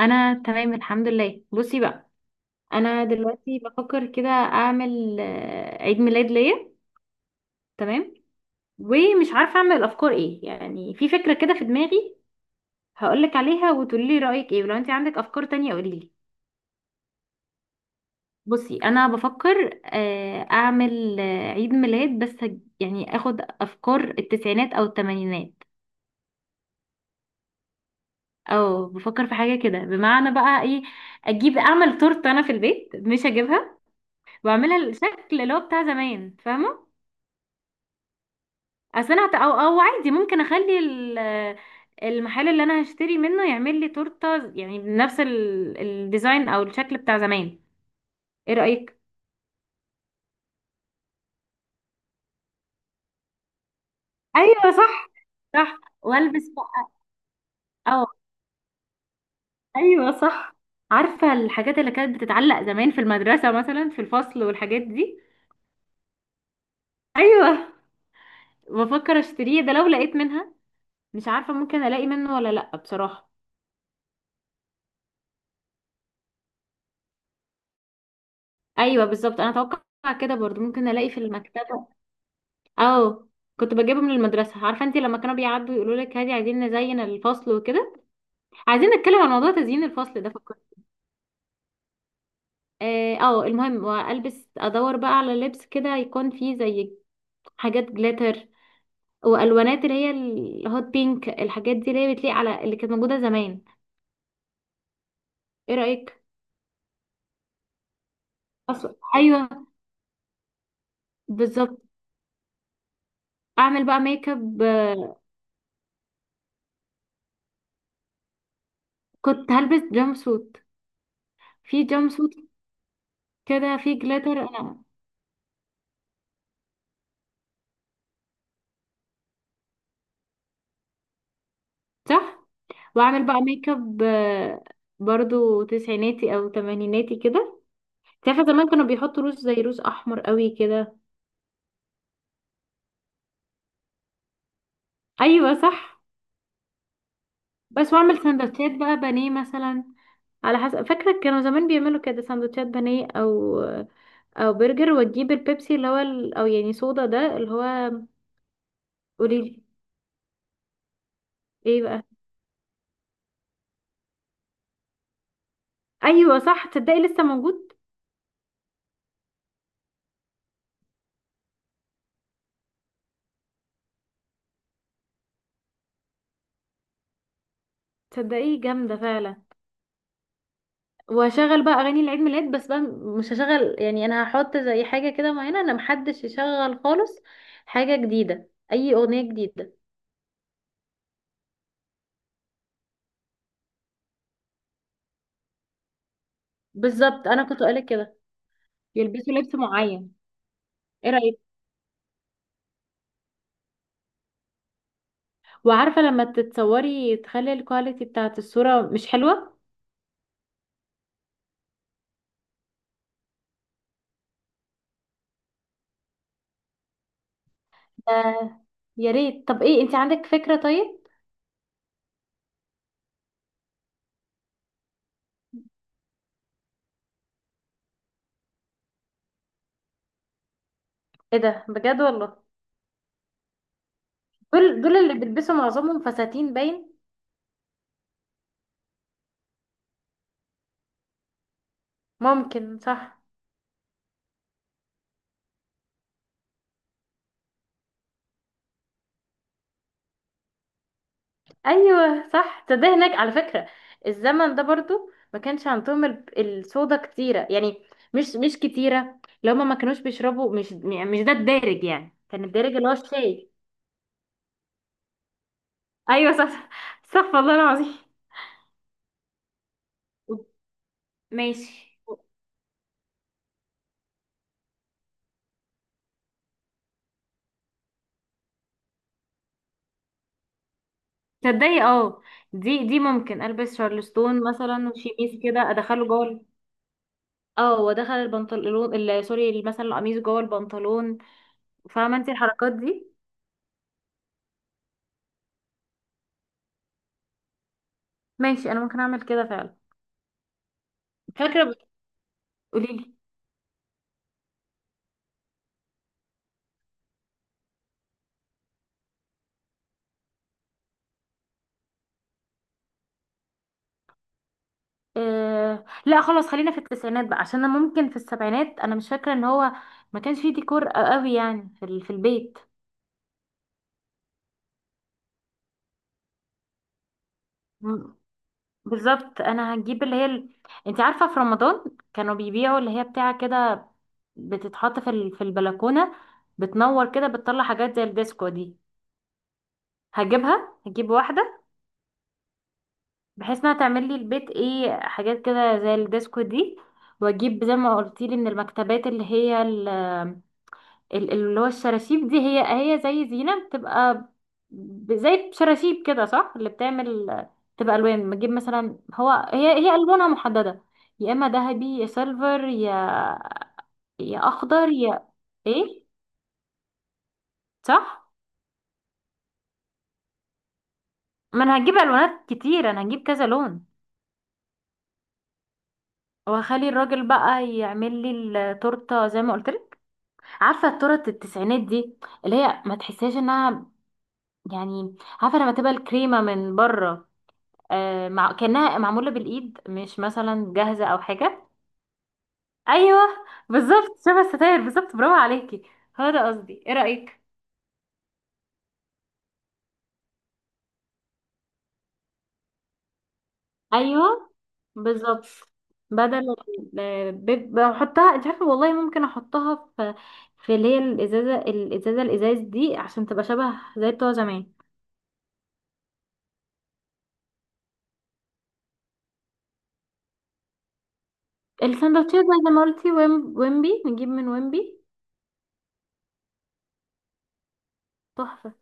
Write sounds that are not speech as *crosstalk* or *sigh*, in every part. انا تمام الحمد لله. بصي بقى، انا دلوقتي بفكر كده اعمل عيد ميلاد ليا. تمام. ومش عارفه اعمل افكار ايه، يعني في فكره كده في دماغي. هقولك عليها وتقولي لي رايك ايه، ولو انت عندك افكار تانية قولي لي. بصي، انا بفكر اعمل عيد ميلاد، بس يعني اخد افكار التسعينات او الثمانينات. او بفكر في حاجه كده، بمعنى بقى ايه. اجيب اعمل تورته انا في البيت مش هجيبها، واعملها الشكل اللي هو بتاع زمان، فاهمه. اصل انا او عادي ممكن اخلي المحل اللي انا هشتري منه يعمل لي تورته، يعني بنفس الديزاين او الشكل بتاع زمان. ايه رايك؟ ايوه صح. صح والبس بقى. اه، ايوه، صح. عارفه الحاجات اللي كانت بتتعلق زمان في المدرسه، مثلا في الفصل والحاجات دي. ايوه. بفكر اشتريه ده لو لقيت منها. مش عارفه ممكن الاقي منه ولا لا، بصراحه. ايوه بالظبط، انا اتوقع كده برضو ممكن الاقي في المكتبه. اه. كنت بجيبه من المدرسة. عارفة انتي لما كانوا بيعدوا يقولوا لك هادي عايزين نزين الفصل وكده، عايزين نتكلم عن موضوع تزيين الفصل ده، فكرت. اه، المهم والبس ادور بقى على لبس كده يكون فيه زي حاجات جلاتر، والوانات اللي هي الهوت بينك الحاجات دي اللي هي بتليق على اللي كانت موجودة زمان. ايه رأيك؟ اصلا ايوه. بالظبط. اعمل بقى ميك اب. كنت هلبس جامب سوت. في جامب سوت كده، في جلاتر انا. صح، واعمل بقى ميك اب. برضو تسعيناتي او تمانيناتي كده. تعرفي زمان كانوا بيحطوا روز زي روز احمر قوي كده. ايوه صح. بس، واعمل سندوتشات بقى بانيه مثلا، على حسب فاكره كانوا زمان بيعملوا كده سندوتشات بانيه او برجر، وتجيب البيبسي اللي هو او يعني صودا، ده اللي هو. قوليلي. ايه بقى؟ ايوه صح، تصدقي لسه موجود. تصدقي جامده فعلا. واشغل بقى اغاني العيد ميلاد بس بقى. مش هشغل، يعني انا هحط زي حاجه كده معينه، انا محدش يشغل خالص. حاجه جديده اي اغنيه جديده. بالظبط، انا كنت قالك كده. يلبسوا لبس معين. ايه رايك؟ وعارفه لما تتصوري تخلي الكواليتي بتاعه الصوره مش حلوه. آه. يا ريت. طب ايه، انت عندك فكره طيب؟ ايه ده؟ بجد والله. دول اللي بيلبسوا معظمهم فساتين باين. ممكن صح. ايوه صح، ده هناك على فكره. الزمن ده برضو ما كانش عندهم الصودا كتيره يعني، مش مش كتيره، لو ما ما كانوش بيشربوا، مش يعني مش ده الدارج، يعني كان الدارج اللي هو الشاي. ايوه صح. صح والله العظيم. ماشي. تصدقي اه، دي ممكن البس شارلستون مثلا وشيميس كده ادخله جوه اه، وادخل البنطلون سوري، مثلا القميص جوه البنطلون. فاهمه انت الحركات دي؟ ماشي انا ممكن اعمل كده فعلا. فاكره. قولي لي. إيه، لا خلاص خلينا في التسعينات بقى، عشان انا ممكن في السبعينات انا مش فاكره ان هو ما كانش فيه ديكور قوي، يعني في البيت. م- بالظبط، انا هجيب انت عارفه في رمضان كانوا بيبيعوا اللي هي بتاعه كده، بتتحط في البلكونه، بتنور كده بتطلع حاجات زي الديسكو دي. هجيب واحده، بحيث انها تعمل لي البيت ايه، حاجات كده زي الديسكو دي. واجيب زي ما قلتي لي من المكتبات اللي هي اللي هو الشراشيب دي هي زي زينة بتبقى، زي شراشيب كده صح اللي بتعمل، بتبقى ألوان، بتجيب مثلا هو هي هي ألوانها محددة. يا إما ذهبي يا سيلفر، يا أخضر يا، إيه، صح. ما أنا هجيب ألوانات كتير، أنا هجيب كذا لون. وهخلي الراجل بقى يعمل لي التورته زي ما قلت لك. عارفه التورت التسعينات دي؟ اللي هي ما تحسهاش انها، يعني عارفه لما تبقى الكريمه من بره مع كأنها معمولة بالإيد، مش مثلا جاهزة أو حاجة. أيوه بالظبط، شبه الستاير بالظبط، برافو عليكي. هو ده قصدي، إيه رأيك؟ أيوه بالظبط. بدل بحطها، انت عارفة والله ممكن أحطها في في اللي هي الإزازة الإزاز دي عشان تبقى شبه زي بتوع زمان. السندوتشات بقى زي ما قلتي، ويمبي نجيب من ويمبي. تحفة.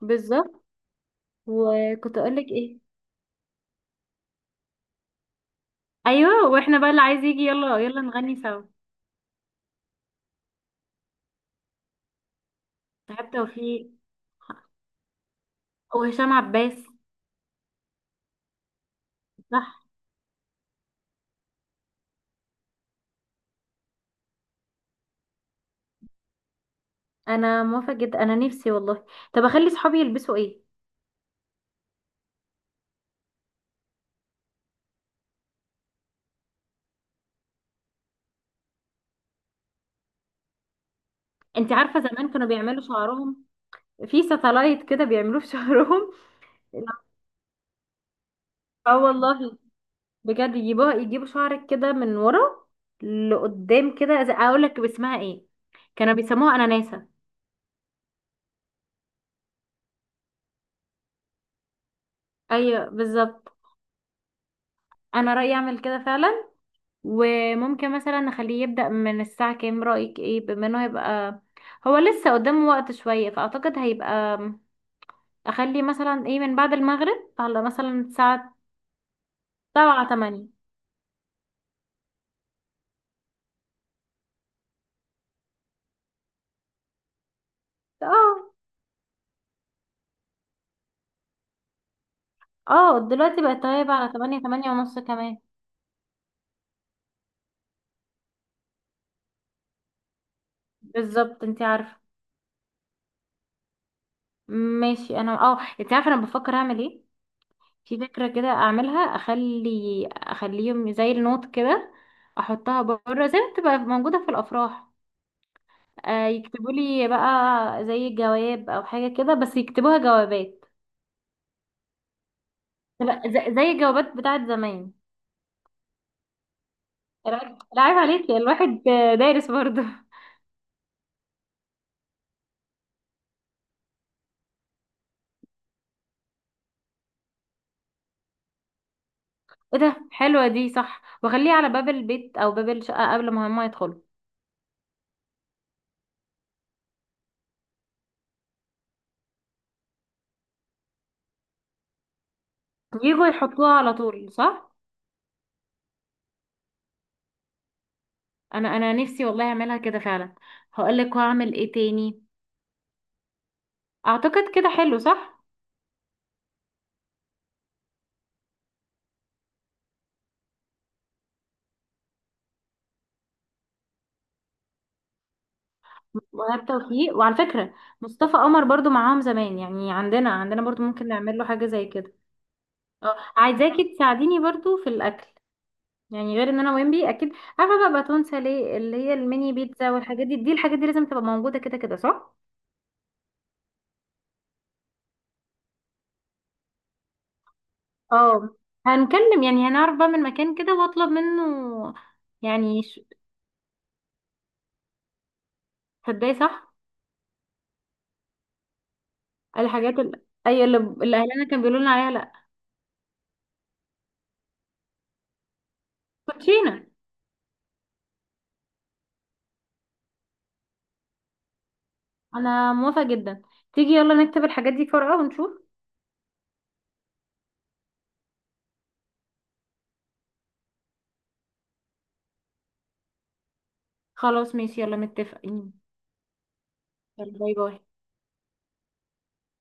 بالظبط. وكنت أقولك إيه؟ أيوه، وإحنا بقى اللي عايز يجي يلا يلا نغني سوا. حتى وفي، وهشام عباس. صح. انا موافقه جدا، انا نفسي والله. طب اخلي صحابي يلبسوا ايه؟ انت عارفه زمان كانوا بيعملوا شعرهم في ساتلايت كده بيعملوه في *laughs* شعرهم. اه والله. بجد، يجيبوا شعرك كده من ورا لقدام كده اقول لك اسمها ايه. كانوا بيسموها اناناسه. ايوه بالظبط. انا رايي اعمل كده فعلا. وممكن مثلا نخليه يبدا من الساعه كام، رايك ايه؟ بما انه هيبقى هو لسه قدامه وقت شويه، فاعتقد هيبقى اخلي مثلا ايه من بعد المغرب على مثلا الساعة 7 8. اه. اه، دلوقتي بقت غايبة على 8 8 ونص كمان. بالظبط انتي عارفة. ماشي، انا انتي عارفة انا بفكر اعمل ايه. في فكرة كده اعملها، اخليهم زي النوت كده، احطها بره زي ما بتبقى موجودة في الافراح. آه، يكتبوا لي بقى زي جواب او حاجة كده، بس يكتبوها جوابات. لا، زي الجوابات بتاعت زمان. لا لا، عيب عليكي الواحد دارس برضه. ايه ده؟ حلوة دي صح، واخليه على باب البيت او باب الشقة قبل ما هما يدخلوا. يجوا يحطوها على طول، صح. انا نفسي والله اعملها كده فعلا. هقولك وهعمل ايه تاني. اعتقد كده حلو، صح؟ وهاب توفيق، وعلى فكرة مصطفى قمر برضو معاهم زمان، يعني عندنا برضو ممكن نعمل له حاجة زي كده. اه، عايزاكي تساعديني برضو في الاكل، يعني غير ان انا ويمبي اكيد. عارفه بقى باتون ساليه اللي هي الميني بيتزا والحاجات دي. دي الحاجات دي لازم تبقى موجوده كده كده، صح. اه، هنكلم يعني هنعرف بقى من مكان كده واطلب منه. يعني تصدقي صح. الحاجات ال- اي اللي اللي اهلنا كان بيقولوا لنا عليها، لا. كوتشينه. انا موافقه جدا. تيجي يلا نكتب الحاجات دي في ورقه ونشوف. خلاص ماشي، يلا متفقين. يلا، باي باي.